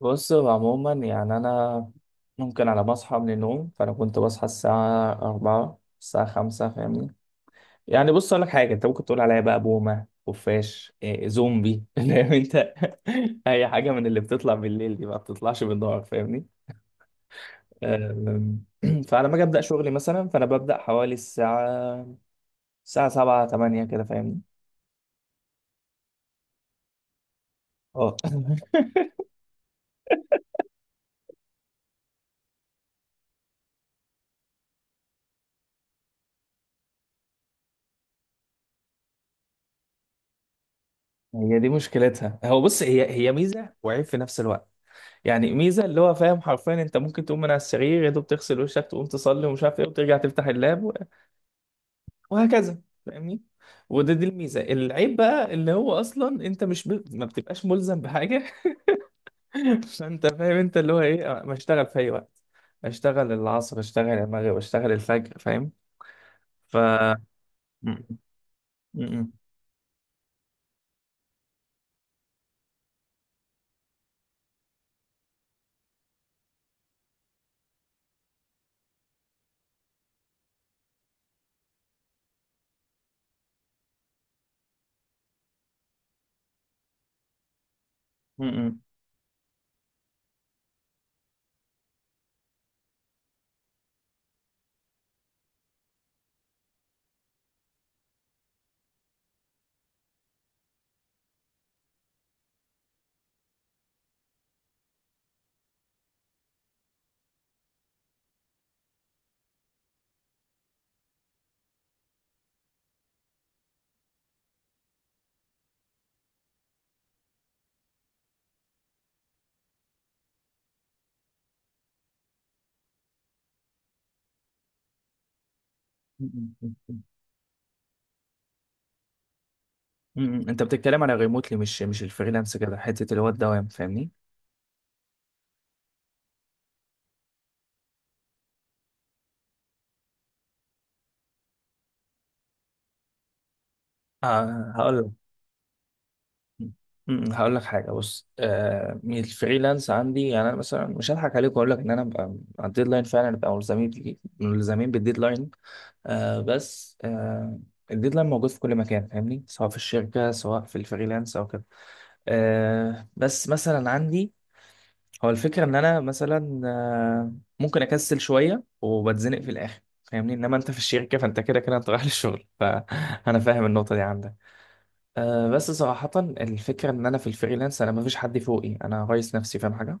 بص هو عموما يعني أنا ممكن على ما أصحى من النوم، فأنا كنت بصحى الساعة أربعة الساعة خمسة فاهمني؟ يعني بص أقول لك حاجة، أنت ممكن تقول عليا بقى بومة، خفاش، إيه، زومبي فاهم أنت؟ أي حاجة من اللي بتطلع بالليل دي ما بتطلعش بالنهار فاهمني؟ أم، فعلى ما أجي أبدأ شغلي مثلا فأنا ببدأ حوالي الساعة سبعة تمانية كده فاهمني؟ اه هي دي مشكلتها، هو بص هي ميزة وعيب في نفس الوقت. يعني ميزه اللي هو فاهم، حرفيا انت ممكن تقوم من على السرير يا دوب تغسل وشك، تقوم تصلي ومش عارف ايه، وترجع تفتح اللاب و- وهكذا فاهمني؟ وده دي الميزه. العيب بقى اللي هو اصلا انت مش ب... ما بتبقاش ملزم بحاجه. فانت فاهم انت اللي هو ايه، ما اشتغل في اي وقت، اشتغل العصر، اشتغل المغرب، اشتغل الفجر فاهم؟ ف م- م- م- م- م- انت بتتكلم على ريموتلي، مش الفريلانس كده، حته اللي هو الدوام فاهمني؟ آه هقول. هقول لك حاجه، بص آه من الفريلانس عندي، يعني انا مثلا مش هضحك عليك واقول لك ان انا ببقى على الديدلاين. فعلا ببقى ملزمين بالديدلاين. آه بس آه الديدلاين موجود في كل مكان فاهمني؟ سواء في الشركه سواء في الفريلانس او كده. آه بس مثلا عندي، هو الفكره ان انا مثلا آه ممكن اكسل شويه وبتزنق في الاخر فاهمني؟ انما انت في الشركه فانت كده كده انت رايح للشغل، فانا فاهم النقطه دي عندك؟ أه بس صراحة الفكرة إن أنا في الفريلانس أنا مفيش حد فوقي، أنا رئيس نفسي فاهم حاجة؟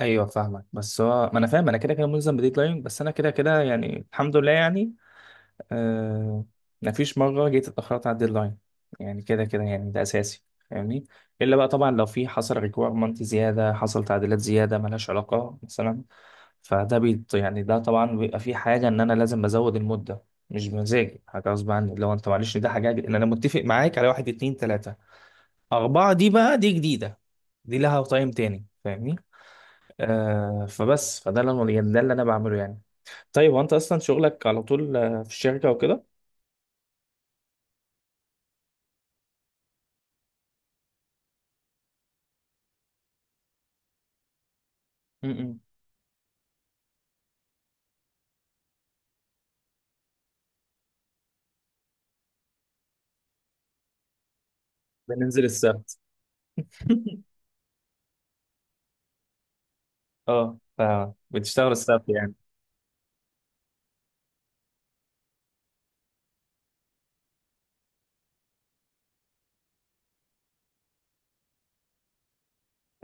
أيوه فاهمك، بس هو ما أنا فاهم، أنا كده كده ملزم بديدلاين، بس أنا كده كده يعني الحمد لله يعني أه مفيش مرة جيت اتأخرت على الديدلاين. يعني كده كده يعني ده أساسي، فاهمني؟ إلا بقى طبعا لو في حصل ريكويرمنت زيادة، حصل تعديلات زيادة ملهاش علاقة مثلا، فده بيت يعني ده طبعا بيبقى في حاجة إن أنا لازم بزود المدة. مش بمزاجي، حاجة غصب عني. لو أنت معلش ده حاجة إن أنا متفق معاك على 1 2 3، أربعة دي بقى دي جديدة. دي لها طعم تاني فاهمني؟ آه فبس فده اللي أنا- يعني ده اللي أنا بعمله يعني. طيب وأنت أصلا شغلك على طول آه، في الشركة وكده؟ م-م. بننزل السبت؟ اه ف- بتشتغل السبت يعني.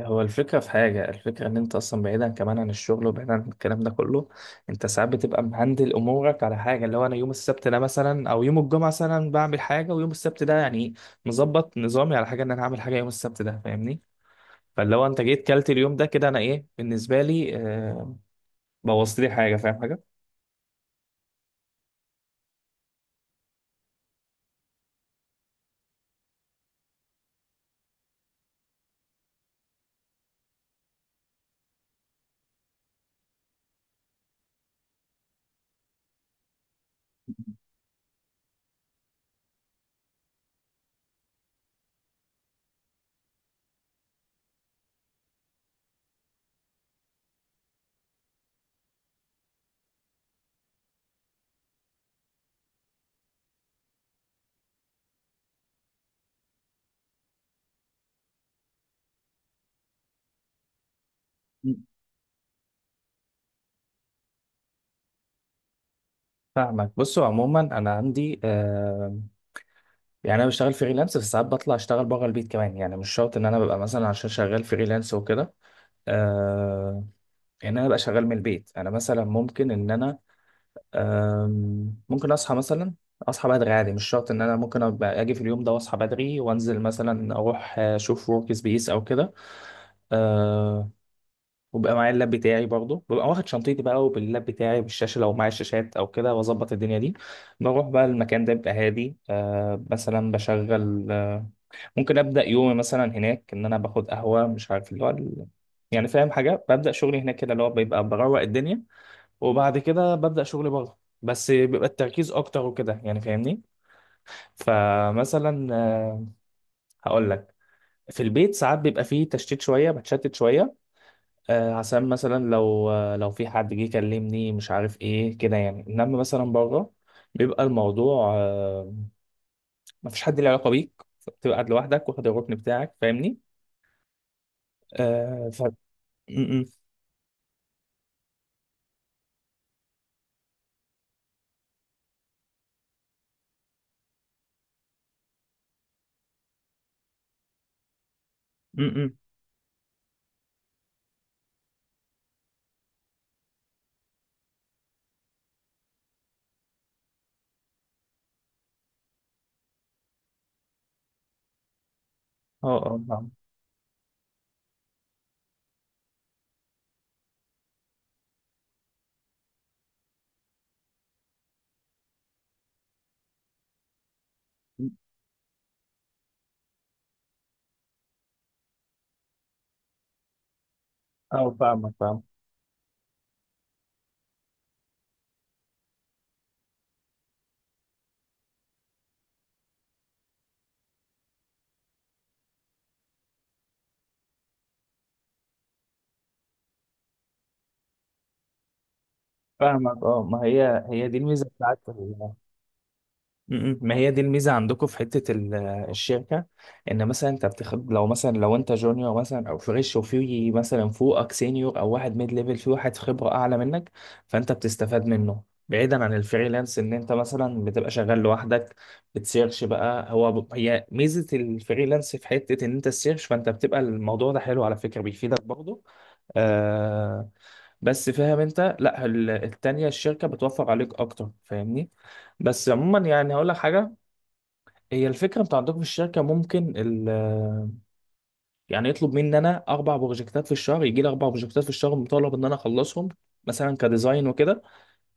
هو الفكرة في حاجة، الفكرة إن أنت أصلا بعيدا كمان عن الشغل وبعيدا عن الكلام ده كله، أنت ساعات بتبقى مهندل أمورك على حاجة اللي هو أنا يوم السبت ده مثلا أو يوم الجمعة مثلا بعمل حاجة، ويوم السبت ده يعني مظبط نظامي على حاجة إن أنا هعمل حاجة يوم السبت ده فاهمني؟ فاللي هو انت جيت كلت اليوم ده كده، انا ايه بالنسبه لي آه، بوظت لي حاجه فاهم حاجه؟ مم. فاهمك. بصوا عموما انا عندي آه يعني انا بشتغل فريلانس، بس ساعات بطلع اشتغل بره البيت كمان. يعني مش شرط ان انا ببقى مثلا عشان شغال فريلانس وكده آه ان انا ابقى شغال من البيت. انا مثلا ممكن ان انا آه ممكن اصحى مثلا، اصحى بدري عادي. مش شرط ان انا ممكن ابقى اجي في اليوم ده واصحى بدري وانزل مثلا اروح آه، اشوف ورك سبيس او كده. آه، وبقى معايا اللاب بتاعي برضه، ببقى واخد شنطتي بقى وباللاب بتاعي بالشاشه لو معايا الشاشات او كده، واظبط الدنيا دي. بروح بقى المكان ده بيبقى هادي آه، مثلا بشغل آه ممكن ابدا يومي مثلا هناك ان انا باخد قهوه مش عارف اللي هو ال- يعني فاهم حاجه؟ ببدا شغلي هناك كده اللي هو بيبقى بروق الدنيا، وبعد كده ببدا شغلي بره بس بيبقى التركيز اكتر وكده يعني فاهمني؟ فمثلا آه، هقول لك، في البيت ساعات بيبقى فيه تشتيت شويه، بتشتت شويه آه، عشان مثلا لو آه، لو في حد جه يكلمني مش عارف ايه كده يعني. انما مثلا بره بيبقى الموضوع آه، مفيش حد له علاقه بيك، بتبقى قاعد لوحدك واخد الركن بتاعك فاهمني؟ آه ف م-م. م-م. اه اه فاهم. اه فاهمك فاهم. فاهمك اه. ما هي هي دي الميزه بتاعت م-م. ما هي دي الميزه عندكم في حته ال- الشركه، ان مثلا انت بتاخد لو مثلا لو انت جونيور مثلا او فريش، وفي مثلا فوقك سينيور او واحد ميد ليفل، في واحد خبره اعلى منك فانت بتستفاد منه. بعيدا عن الفريلانس ان انت مثلا بتبقى شغال لوحدك، بتسيرش بقى. هو ب... هي ميزه الفريلانس في حته ان انت السيرش، فانت بتبقى الموضوع ده حلو على فكره بيفيدك برضه آه، بس فاهم انت، لا ال- التانيه الشركه بتوفر عليك اكتر فاهمني؟ بس عموما يعني هقول لك حاجه، هي الفكره انتوا عندكم في الشركه ممكن ال يعني يطلب مني ان انا 4 بروجكتات في الشهر، يجي لي 4 بروجكتات في الشهر مطالب ان انا اخلصهم مثلا كديزاين وكده.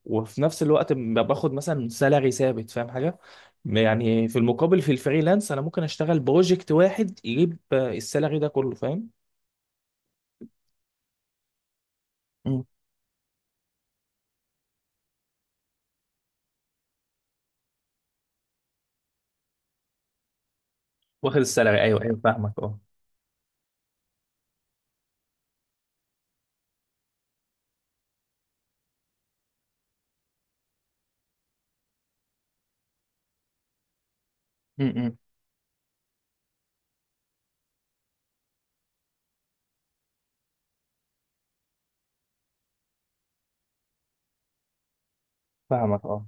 وفي نفس الوقت ب- باخد مثلا سالاري ثابت فاهم حاجه؟ يعني في المقابل في الفريلانس انا ممكن اشتغل بروجكت واحد يجيب آه، السالاري ده كله فاهم؟ مم. واخد السالاري، ايوه ايوه فاهمك اه. امم فاهمك اه.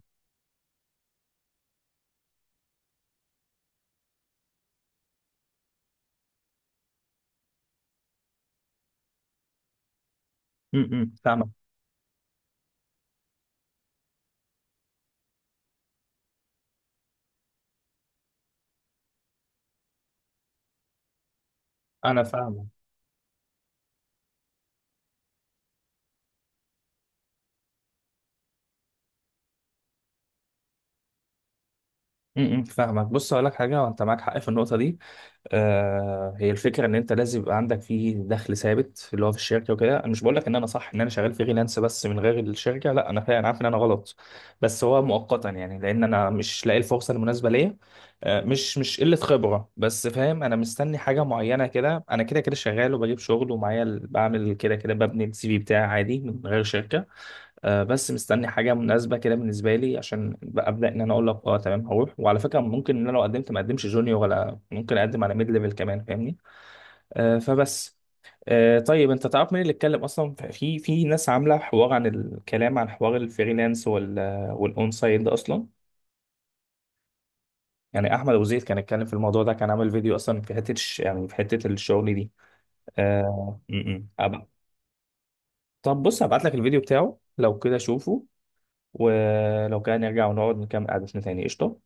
فاهمك. انا فاهمك. فاهمك. بص اقول لك حاجه، وانت معاك حق في النقطه دي آه. هي الفكره ان انت لازم يبقى عندك فيه دخل ثابت اللي هو في الشركه وكده. انا مش بقول لك ان انا صح ان انا شغال فريلانس بس من غير الشركه، لا انا فعلا عارف ان انا غلط. بس هو مؤقتا يعني، لان انا مش لاقي الفرصه المناسبه ليا. آه مش قله خبره، بس فاهم، انا مستني حاجه معينه كده. انا كده كده شغال وبجيب شغل ومعايا ال- بعمل كده كده، ببني السي في بتاعي عادي من غير شركه آه، بس مستني حاجه مناسبه كده بالنسبه لي، عشان بقى ابدا ان انا اقول لك اه تمام هروح. وعلى فكره ممكن ان انا لو قدمت ما اقدمش جونيور، ولا ممكن اقدم على ميد ليفل كمان فاهمني؟ آه، فبس آه، طيب انت تعرف مين اللي اتكلم اصلا؟ في في ناس عامله حوار عن الكلام عن حوار الفريلانس وال والاون سايد ده اصلا. يعني احمد ابو زيد كان اتكلم في الموضوع ده، كان عامل فيديو اصلا في حته الش- يعني في حته الشغل دي. آه م- م. أب- طب بص هبعت لك الفيديو بتاعه، لو كده شوفه، ولو كان نرجع ونقعد نكمل قعدتنا تاني قشطه.